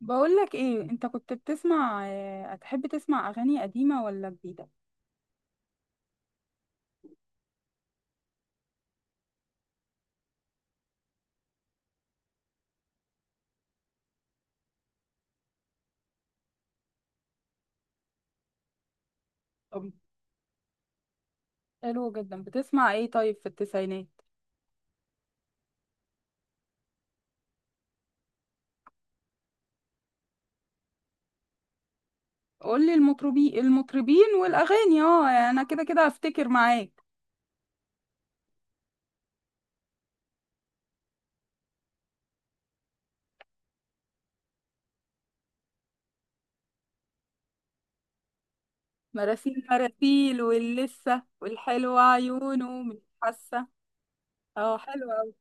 بقولك ايه انت كنت بتسمع هتحب تسمع اغاني قديمة ولا جديدة؟ طب حلو جدا، بتسمع ايه طيب في التسعينات؟ قولي المطربين والاغاني، اه انا كده كده هفتكر معاك. مراسيل مراسيل واللسه والحلوة عيونه مش حاسة. اه حلوة أوي.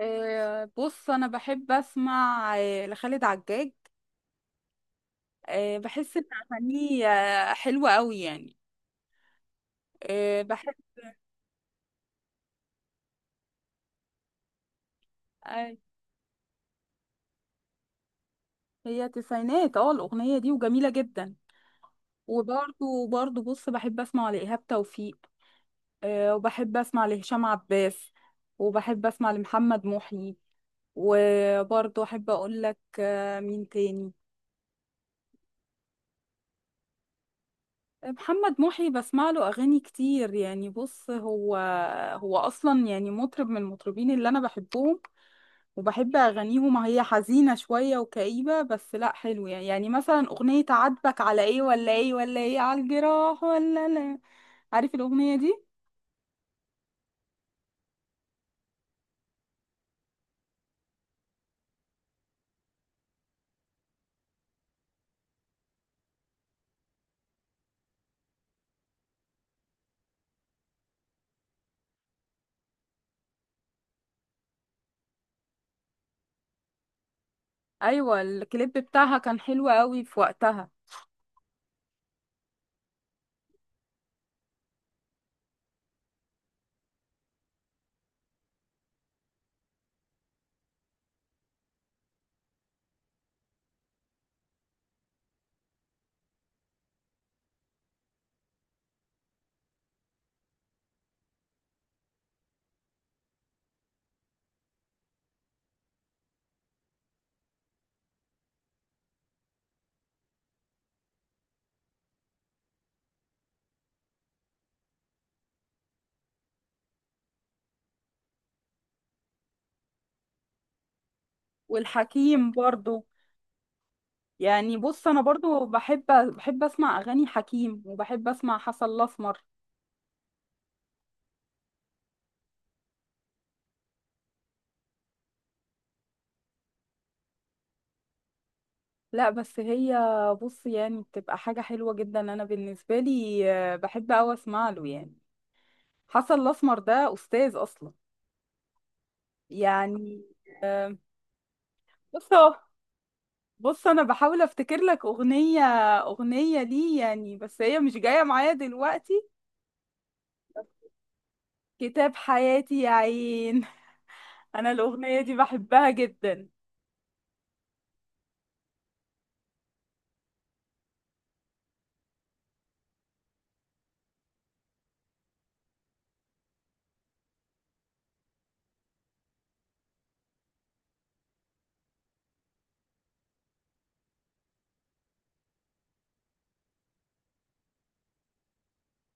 بص أنا بحب أسمع لخالد عجاج. بحس إن أغانيه حلوة أوي يعني. بحب. آه، هي تسعينات، اه الأغنية دي وجميلة جدا. وبرضه بص بحب أسمع لإيهاب توفيق. وبحب أسمع لهشام عباس، وبحب أسمع لمحمد محي. وبرضه أحب أقول لك مين تاني. محمد محي بسمع له اغاني كتير، يعني بص هو اصلا يعني مطرب من المطربين اللي انا بحبهم وبحب اغانيهم. هي حزينه شويه وكئيبه بس لا حلوه يعني. يعني مثلا اغنيه عاتبك على ايه ولا ايه ولا ايه على الجراح ولا لا، عارف الاغنيه دي؟ ايوه الكليب بتاعها كان حلو قوي في وقتها. والحكيم برضو، يعني بص انا برضو بحب اسمع اغاني حكيم، وبحب اسمع حسن الاسمر. لا بس هي، بص يعني بتبقى حاجة حلوة جدا. أنا بالنسبة لي بحب أوي أسمع له يعني. حسن الأسمر ده أستاذ أصلا يعني. آه، بص هو، بص أنا بحاول أفتكر لك أغنية، أغنية ليه يعني، بس هي مش جاية معايا دلوقتي. كتاب حياتي يا عين. أنا الأغنية دي بحبها جدا.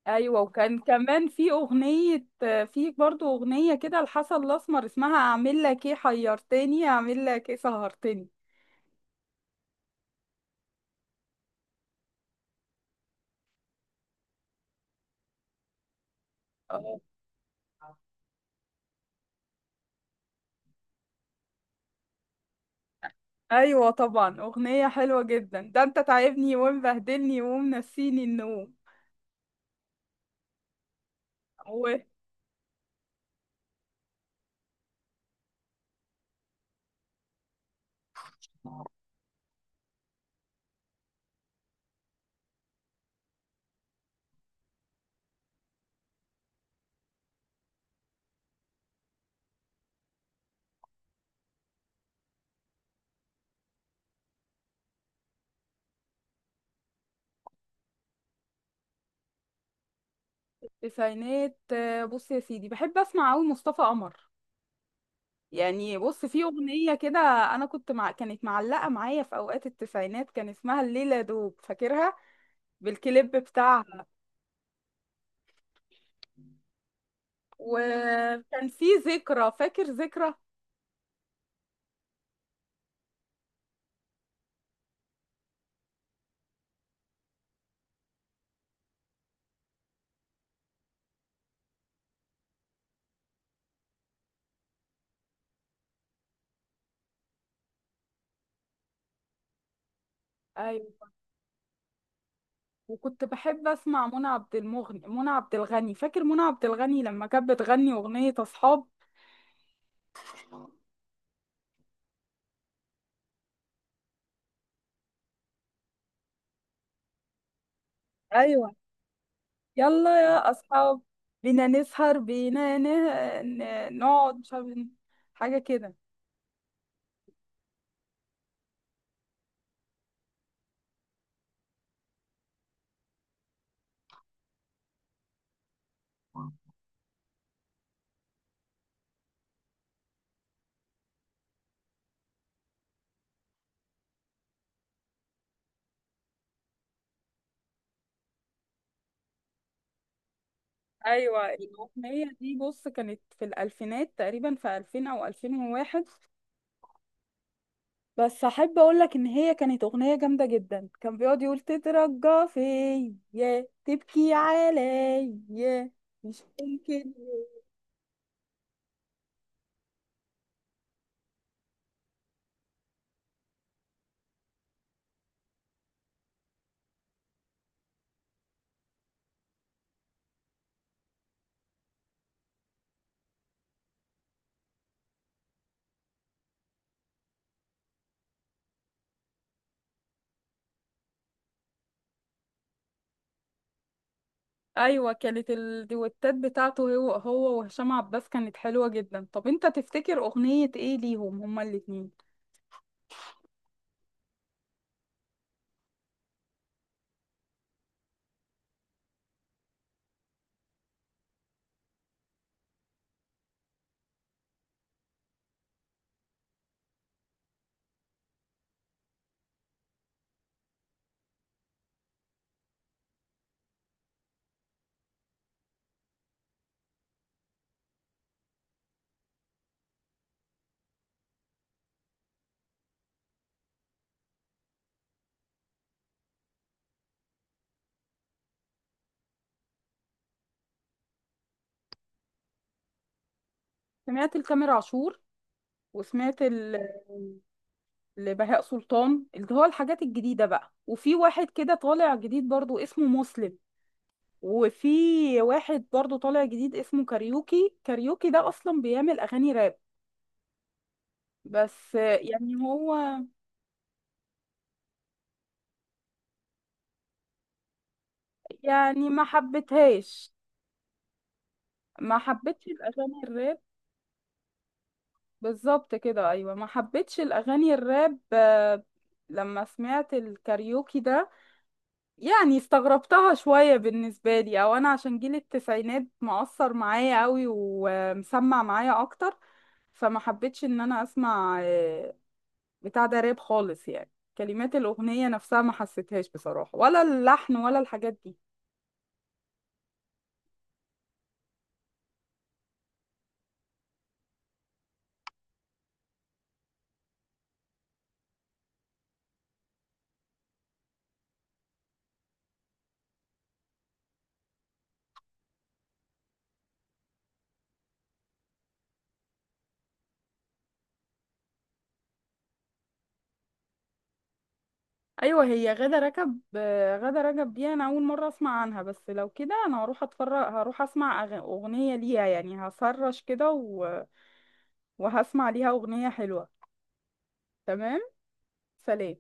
أيوة، وكان كمان في أغنية، في برضو أغنية كده لحسن الأسمر اسمها أعمل لك إيه حيرتني أعمل لك إيه سهرتني. آه. ايوه طبعا اغنية حلوة جدا، ده انت تعبني ومبهدلني ومنسيني النوم. و تسعينات، بص يا سيدي بحب اسمع قوي مصطفى قمر. يعني بص في اغنية كده انا كنت مع كانت معلقة معايا في اوقات التسعينات، كان اسمها الليلة دوب، فاكرها بالكليب بتاعها. وكان في ذكرى، فاكر ذكرى. ايوه، وكنت بحب اسمع منى عبد الغني. فاكر منى عبد الغني لما كانت بتغني اغنية اصحاب؟ ايوه، يلا يا أصحاب، بينا نسهر بينا نقعد مش عارف، حاجة كده. أيوة الأغنية دي بص كانت في الألفينات تقريبا، في 2000 أو 2001. بس أحب أقولك إن هي كانت أغنية جامدة جدا. كان بيقعد يقول تترجى فيا تبكي عليا، مش ممكن. أيوة كانت الديوتات بتاعته هو وهشام عباس كانت حلوة جدا. طب أنت تفتكر أغنية إيه ليهم هما الاتنين؟ سمعت لتامر عاشور، وسمعت لبهاء سلطان اللي هو الحاجات الجديدة بقى. وفي واحد كده طالع جديد برضو اسمه مسلم. وفي واحد برضو طالع جديد اسمه كاريوكي. ده اصلا بيعمل اغاني راب. بس يعني هو يعني ما حبيتهاش، ما حبيتش الاغاني الراب. بالظبط كده، ايوه ما حبيتش الاغاني الراب. لما سمعت الكاريوكي ده يعني استغربتها شوية بالنسبة لي. او انا عشان جيل التسعينات مؤثر معايا قوي ومسمع معايا اكتر، فما حبيتش ان انا اسمع بتاع ده راب خالص يعني. كلمات الاغنية نفسها ما حسيتهاش بصراحة، ولا اللحن ولا الحاجات دي. ايوه هي غادة رجب، غادة رجب دي انا اول مرة اسمع عنها. بس لو كده انا هروح اتفرج، هروح اسمع اغنية ليها يعني، هسرش كده و... وهسمع ليها اغنية حلوة. تمام، سلام.